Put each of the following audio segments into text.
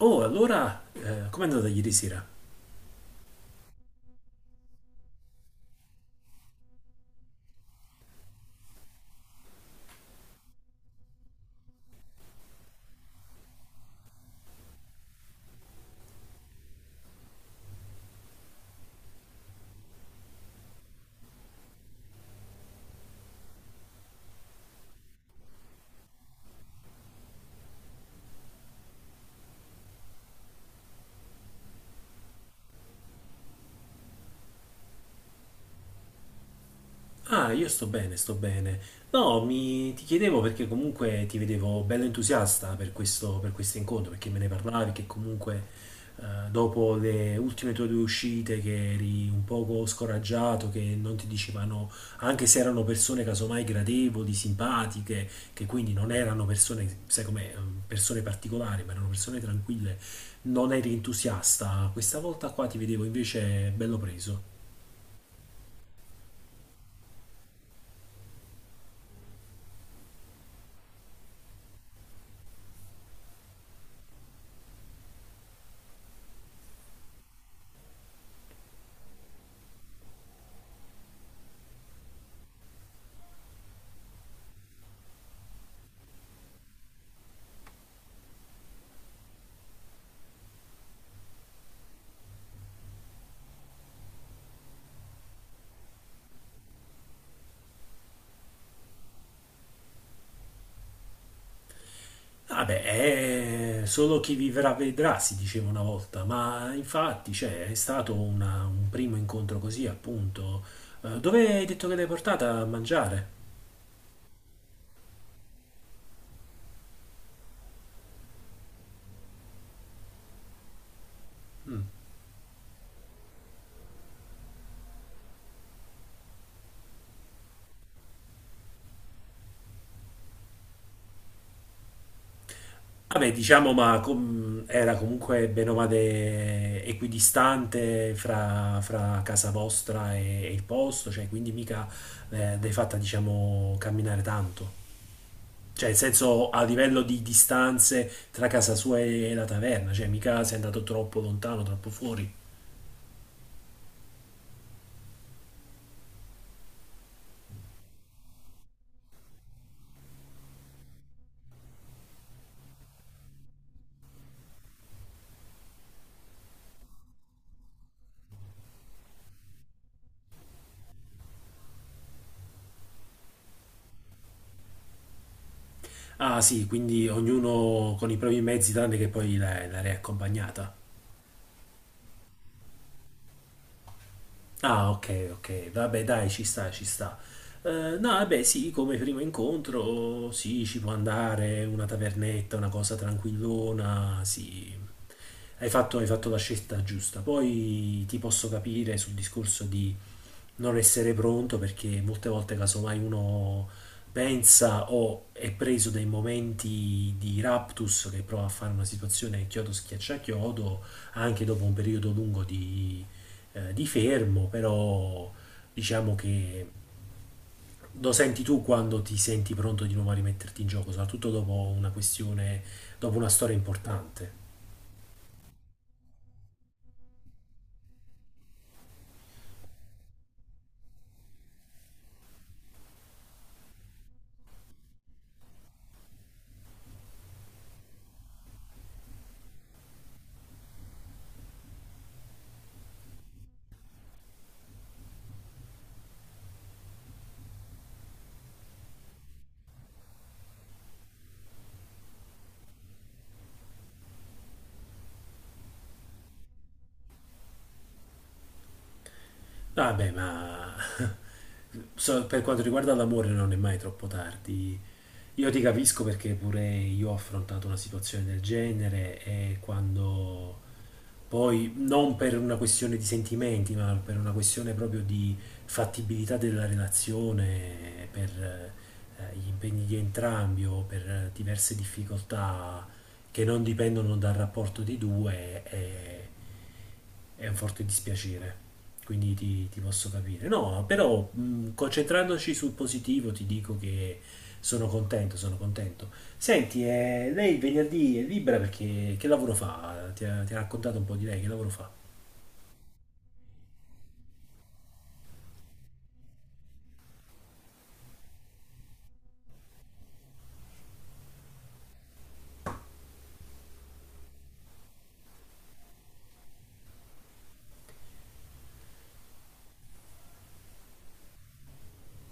Oh, allora, com'è andata ieri sera? Ah, io sto bene, sto bene. No, ti chiedevo perché comunque ti vedevo bello entusiasta per questo incontro, perché me ne parlavi che comunque dopo le ultime tue due uscite che eri un poco scoraggiato, che non ti dicevano, anche se erano persone casomai gradevoli, simpatiche, che quindi non erano persone, sai com'è, persone particolari, ma erano persone tranquille, non eri entusiasta. Questa volta qua ti vedevo invece bello preso. Vabbè, è solo chi vivrà vedrà, si diceva una volta, ma infatti, cioè, un primo incontro così, appunto. Dove hai detto che l'hai portata a mangiare? Mm. Vabbè, diciamo, era comunque bene o male equidistante fra casa vostra e il posto, cioè, quindi mica l'hai fatta, diciamo, camminare tanto. Cioè, in senso a livello di distanze tra casa sua e la taverna, cioè mica sei andato troppo lontano, troppo fuori. Ah, sì, quindi ognuno con i propri mezzi, tranne che l'area accompagnata. Ah, ok, ok, vabbè, dai, ci sta, ci sta. No, vabbè, sì, come primo incontro, sì, ci può andare, una tavernetta, una cosa tranquillona, sì. Hai fatto la scelta giusta. Poi ti posso capire sul discorso di non essere pronto perché molte volte casomai uno pensa o è preso dai momenti di raptus che prova a fare una situazione chiodo schiaccia chiodo anche dopo un periodo lungo di fermo, però diciamo che lo senti tu quando ti senti pronto di nuovo a rimetterti in gioco, soprattutto dopo una questione, dopo una storia importante. Vabbè, ma per quanto riguarda l'amore non è mai troppo tardi. Io ti capisco perché pure io ho affrontato una situazione del genere e quando poi, non per una questione di sentimenti, ma per una questione proprio di fattibilità della relazione, per gli impegni di entrambi o per diverse difficoltà che non dipendono dal rapporto di è un forte dispiacere. Quindi ti posso capire. No, però concentrandoci sul positivo ti dico che sono contento, sono contento. Senti, lei venerdì è libera perché che lavoro fa? Ti ha raccontato un po' di lei, che lavoro fa?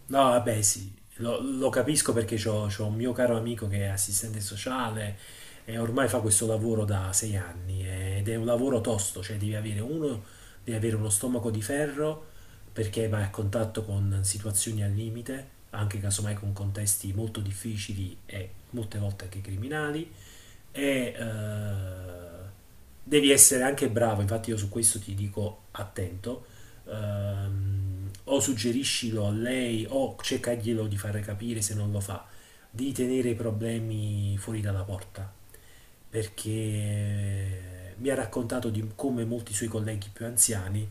No, vabbè, sì, lo capisco perché c'ho un mio caro amico che è assistente sociale e ormai fa questo lavoro da sei anni ed è un lavoro tosto, cioè devi avere uno stomaco di ferro perché vai a contatto con situazioni al limite, anche casomai con contesti molto difficili e molte volte anche criminali e devi essere anche bravo, infatti io su questo ti dico attento o suggeriscilo a lei o cercaglielo di fare capire se non lo fa, di tenere i problemi fuori dalla porta, perché mi ha raccontato di come molti suoi colleghi più anziani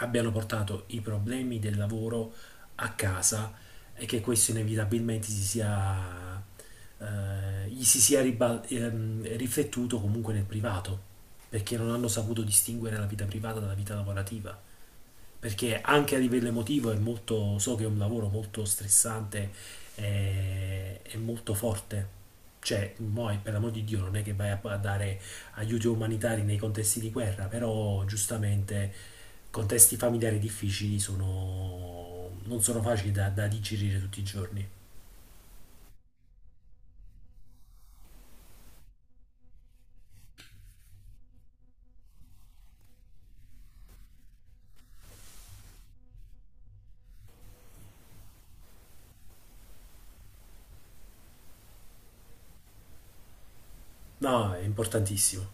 abbiano portato i problemi del lavoro a casa e che questo inevitabilmente gli si sia riflettuto comunque nel privato, perché non hanno saputo distinguere la vita privata dalla vita lavorativa perché anche a livello emotivo è molto, so che è un lavoro molto stressante e molto forte. Cioè, poi, per l'amor di Dio, non è che vai a dare aiuti umanitari nei contesti di guerra, però giustamente contesti familiari difficili non sono facili da digerire tutti i giorni. No, è importantissimo.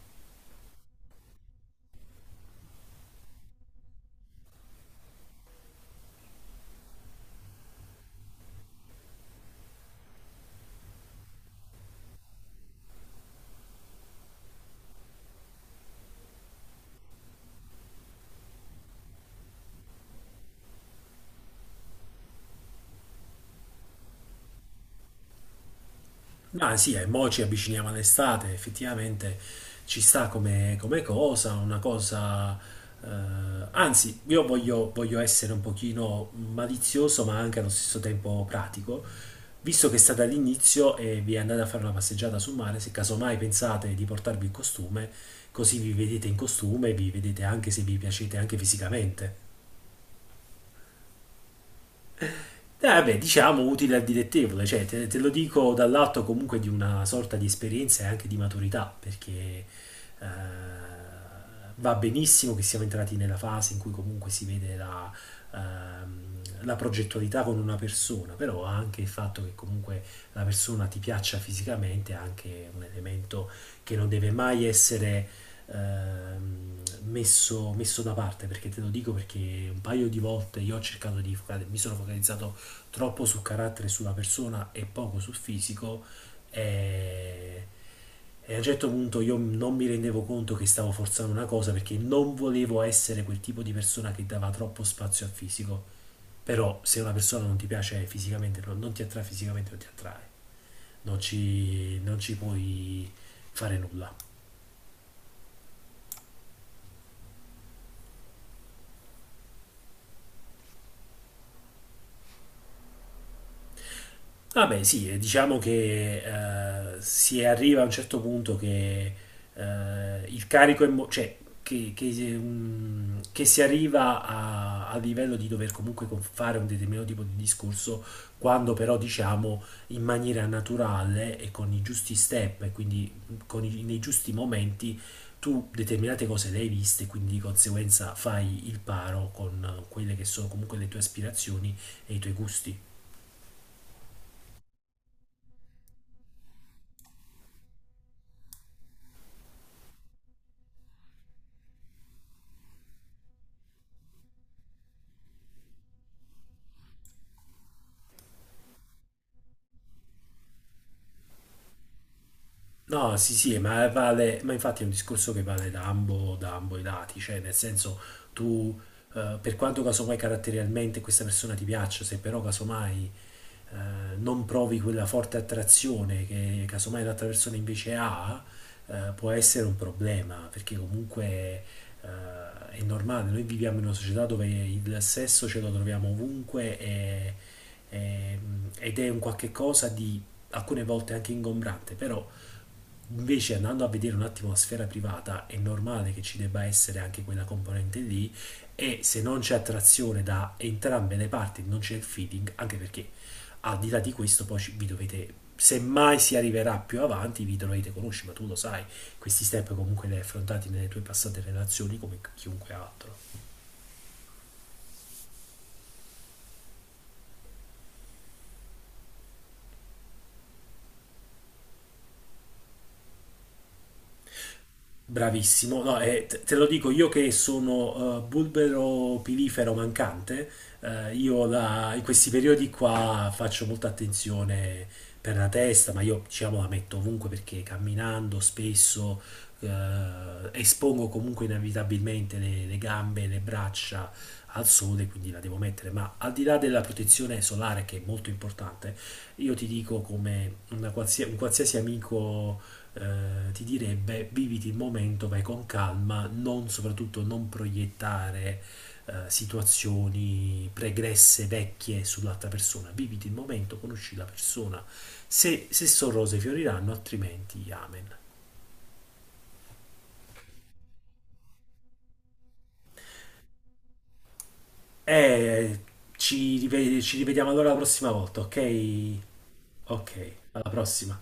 Ma sì, e mo ci avviciniamo all'estate, effettivamente ci sta come, come cosa, una cosa... anzi, io voglio, voglio essere un pochino malizioso, ma anche allo stesso tempo pratico. Visto che state all'inizio e vi andate a fare una passeggiata sul mare, se casomai pensate di portarvi il costume, così vi vedete in costume e vi vedete anche se vi piacete anche fisicamente. Vabbè, diciamo utile al dilettevole, cioè te, te lo dico dall'atto comunque di una sorta di esperienza e anche di maturità, perché eh, va benissimo che siamo entrati nella fase in cui comunque si vede la progettualità con una persona, però anche il fatto che comunque la persona ti piaccia fisicamente è anche un elemento che non deve mai essere ehm, messo, messo da parte, perché te lo dico perché un paio di volte io ho cercato di focalizzare, mi sono focalizzato troppo su carattere e sulla persona e poco sul fisico e, e a un certo punto io non mi rendevo conto che stavo forzando una cosa perché non volevo essere quel tipo di persona che dava troppo spazio al fisico. Però se una persona non ti piace fisicamente, non ti attrae fisicamente, non ti attrae. Non ci puoi fare nulla. Ah beh, sì, diciamo che si arriva a un certo punto che il cioè che si arriva a livello di dover comunque fare un determinato tipo di discorso, quando però diciamo in maniera naturale e con i giusti step e quindi nei giusti momenti tu determinate cose le hai viste, quindi di conseguenza fai il paro con quelle che sono comunque le tue aspirazioni e i tuoi gusti. No, sì, sì, ma vale, ma infatti è un discorso che vale da da ambo i lati, cioè nel senso tu, per quanto casomai caratterialmente questa persona ti piaccia, se però casomai non provi quella forte attrazione che casomai l'altra persona invece ha, può essere un problema, perché comunque è normale, noi viviamo in una società dove il sesso ce lo troviamo ovunque e- ed è un qualche cosa di alcune volte anche ingombrante, però invece andando a vedere un attimo la sfera privata è normale che ci debba essere anche quella componente lì e se non c'è attrazione da entrambe le parti, non c'è il feeding, anche perché al di là di questo vi dovete, se mai si arriverà più avanti, vi dovete conoscere, ma tu lo sai, questi step comunque li hai affrontati nelle tue passate relazioni come chiunque altro. Bravissimo, no, te lo dico io che sono bulbero pilifero mancante, in questi periodi qua faccio molta attenzione per la testa, ma io diciamo la metto ovunque perché camminando spesso eh, espongo comunque inevitabilmente le gambe, le braccia al sole, quindi la devo mettere, ma al di là della protezione solare che è molto importante, io ti dico come una un qualsiasi amico ti direbbe viviti il momento, vai con calma, non soprattutto non proiettare situazioni pregresse, vecchie sull'altra persona, viviti il momento, conosci la persona, se sono rose fioriranno, altrimenti amen. E ci rivediamo allora la prossima volta, ok? Ok, alla prossima.